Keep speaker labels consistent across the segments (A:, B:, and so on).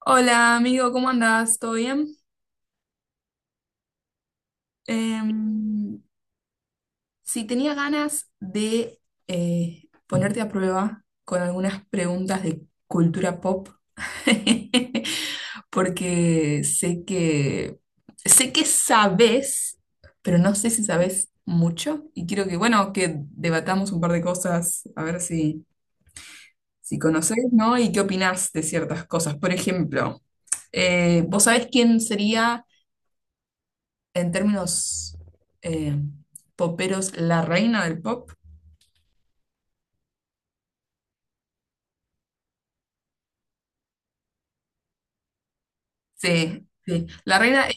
A: Hola amigo, ¿cómo andás? ¿Todo bien? Em, si tenía ganas de ponerte a prueba con algunas preguntas de cultura pop, porque sé que sabes, pero no sé si sabes mucho y quiero que, bueno, que debatamos un par de cosas, a ver si, si conoces, ¿no? Y qué opinás de ciertas cosas. Por ejemplo, ¿vos sabés quién sería en términos, eh, poperos, la reina del pop? Sí, sí. La reina,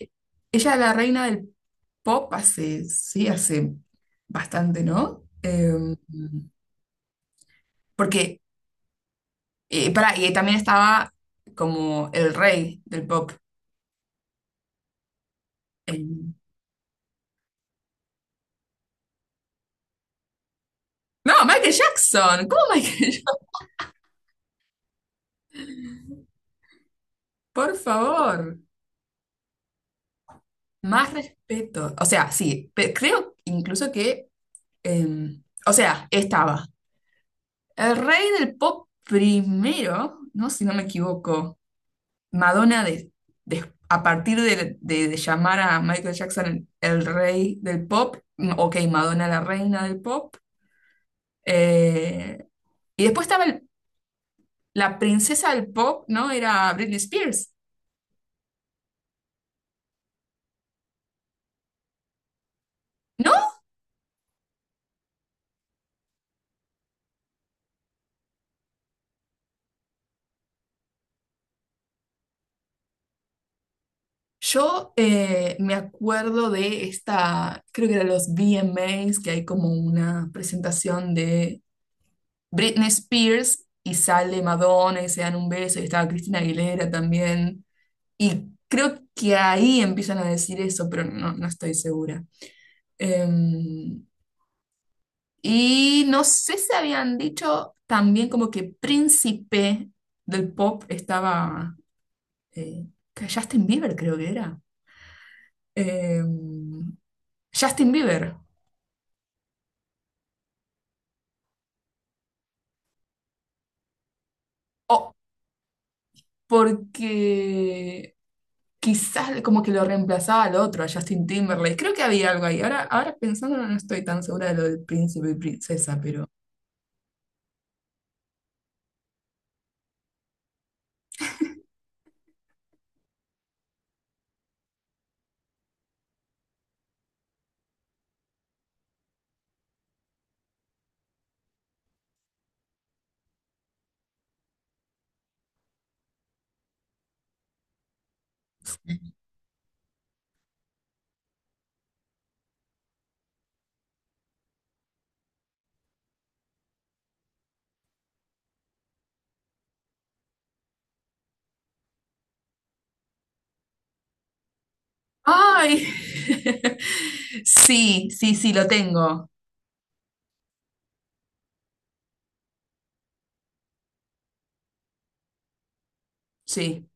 A: ella es la reina del pop hace, sí, hace bastante, ¿no? Porque, pará, y también estaba como el rey del pop. Eh, no, Michael Jackson, ¿cómo Michael Jackson? Por favor, más respeto. O sea, sí, creo incluso que, eh, o sea, estaba. El rey del pop primero, ¿no? Si no me equivoco, Madonna de, a partir de llamar a Michael Jackson el rey del pop, mm, ok, Madonna la reina del pop, eh, y después la princesa del pop, ¿no? Era Britney Spears, ¿no? Yo me acuerdo de esta, creo que eran los V m VMAs, que hay como una presentación de Britney Spears y sale Madonna y se dan un beso y estaba Cristina Aguilera también. Y creo que ahí empiezan a decir eso, pero no, no estoy segura. Em, y no sé si habían dicho también como que príncipe del pop estaba, eh, que Justin Bieber, creo que era. Em, Justin Bieber. Oh, porque quizás como que lo reemplazaba al otro, a Justin Timberlake. Creo que había algo ahí. Ahora, ahora pensándolo, no estoy tan segura de lo del príncipe y princesa, pero... ¡Ay! Sí, sí, sí, lo tengo. Sí.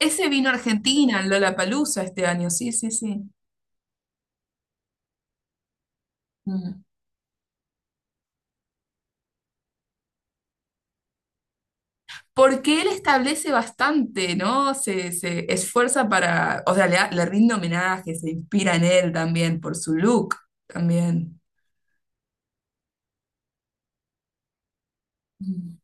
A: Ese vino a Argentina, en Palusa este año. Sí, sí, sí. Mm. Porque él establece bastante, ¿no? Se esfuerza para, o sea, le rinde homenaje, se inspira en él también por su look, también. Mm.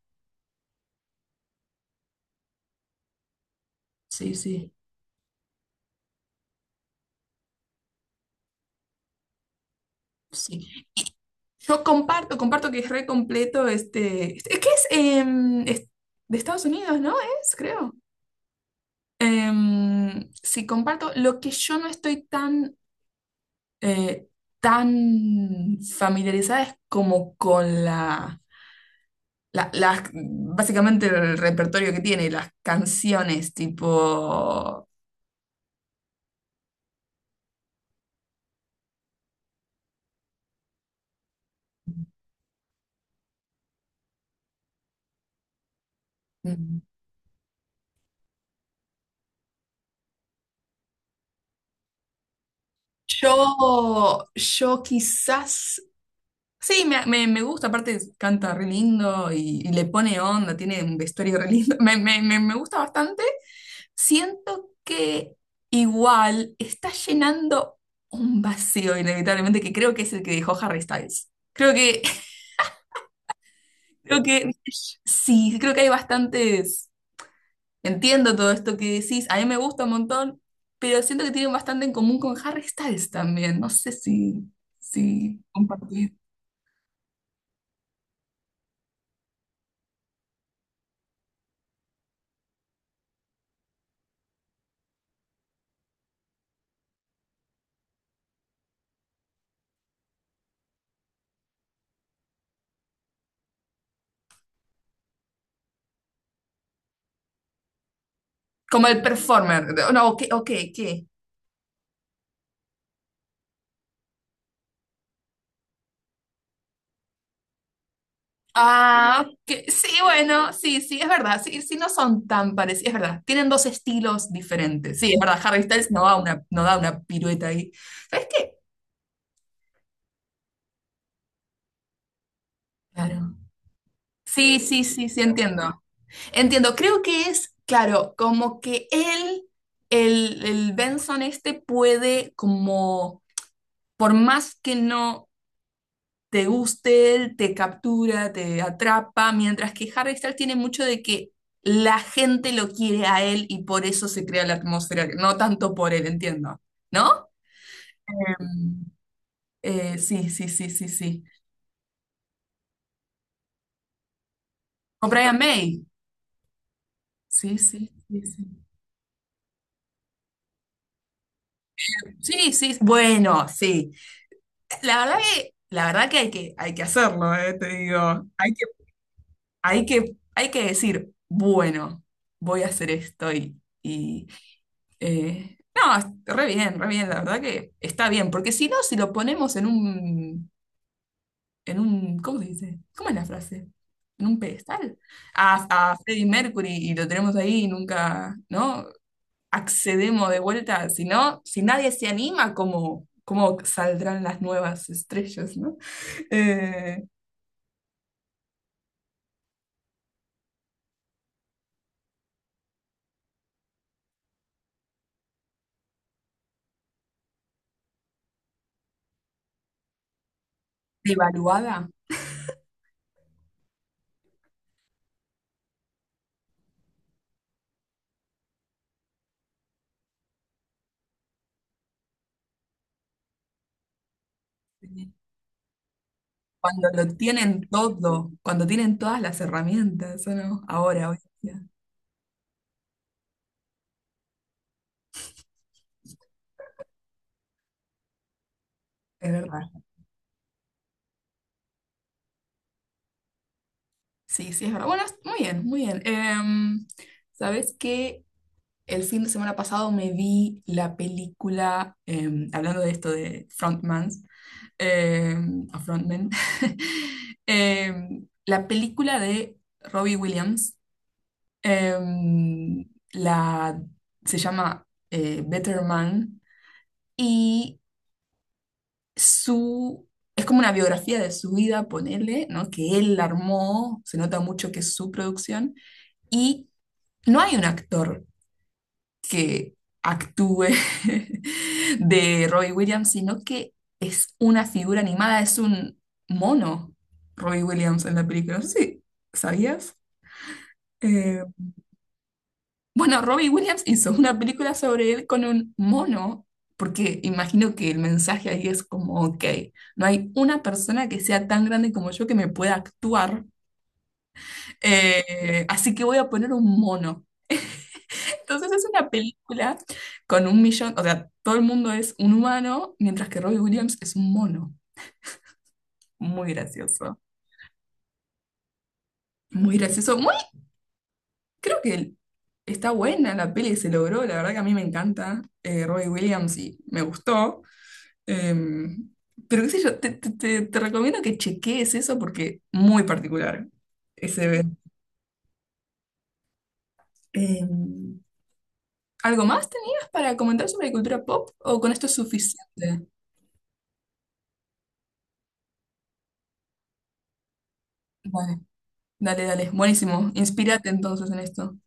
A: Sí, sí, sí. Yo comparto, comparto que es re completo este. Es que es, em, es de Estados Unidos, ¿no? Es, creo. Sí, comparto. Lo que yo no estoy tan, eh, tan familiarizada es como con básicamente el repertorio que tiene, las canciones, tipo. Mm. Yo quizás Sí, me gusta, aparte canta re lindo y le pone onda, tiene un vestuario re lindo. Me gusta bastante. Siento que igual está llenando un vacío, inevitablemente, que creo que es el que dejó Harry Styles. Creo que, creo que, sí, creo que hay bastantes. Entiendo todo esto que decís, a mí me gusta un montón, pero siento que tienen bastante en común con Harry Styles también. No sé si, si compartir. Como el performer. No, ok, ok, ¿qué? Ah, ok. Sí, bueno, sí, sí, es verdad. Sí, sí, no son tan parecidos, es verdad. Tienen dos estilos diferentes. Sí, es verdad, Harry Styles no da una, no da una pirueta ahí. ¿Sabes qué? Claro. Sí, sí, sí, sí, entiendo. Entiendo, creo que es, claro, como que él, el Benson este puede como, por más que no te guste él, te captura, te atrapa, mientras que Harry Styles tiene mucho de que la gente lo quiere a él y por eso se crea la atmósfera, no tanto por él, entiendo, ¿no? Em, sí, sí, sí, sí, sí. Con Brian May. Sí, sí, sí, sí. Sí, sí, sí. Bueno, sí. La verdad que hay que, hay que hacerlo, te digo. Hay que, hay que, hay que decir, bueno, voy a hacer esto y eh, no, re bien, la verdad que está bien, porque si no, si lo ponemos en un, ¿cómo se dice? ¿Cómo es la frase? En un pedestal. A Freddie Mercury y lo tenemos ahí y nunca, ¿no? Accedemos de vuelta, si no, si nadie se anima, ¿cómo, cómo saldrán las nuevas estrellas, ¿no? Eh, devaluada. Cuando lo tienen todo, cuando tienen todas las herramientas, ¿o no? Ahora, hoy en día. Es verdad. Sí, sí, es verdad. Bueno, muy bien, muy bien. ¿Sabes qué? El fin de semana pasado me vi la película, em, hablando de esto de frontmans, em, o frontmen, em, la película de Robbie Williams, em, la, se llama Better Man, y su... Es como una biografía de su vida, ponele, ¿no? Que él armó, se nota mucho que es su producción. Y no hay un actor que actúe de Robbie Williams, sino que es una figura animada, es un mono Robbie Williams en la película. No sé si sabías. Eh, bueno, Robbie Williams hizo una película sobre él con un mono, porque imagino que el mensaje ahí es como, ok, no hay una persona que sea tan grande como yo que me pueda actuar, así que voy a poner un mono. Entonces es una película con un millón, o sea, todo el mundo es un humano, mientras que Robbie Williams es un mono. Muy gracioso, muy gracioso, muy, creo que está buena la peli, se logró, la verdad que a mí me encanta, Robbie Williams y me gustó. Em, pero qué sé yo, te, te recomiendo que chequees eso porque muy particular ese evento. Em, ¿Algo más tenías para comentar sobre cultura pop o con esto es suficiente? Bueno. Dale, dale. Buenísimo. Inspírate entonces en esto.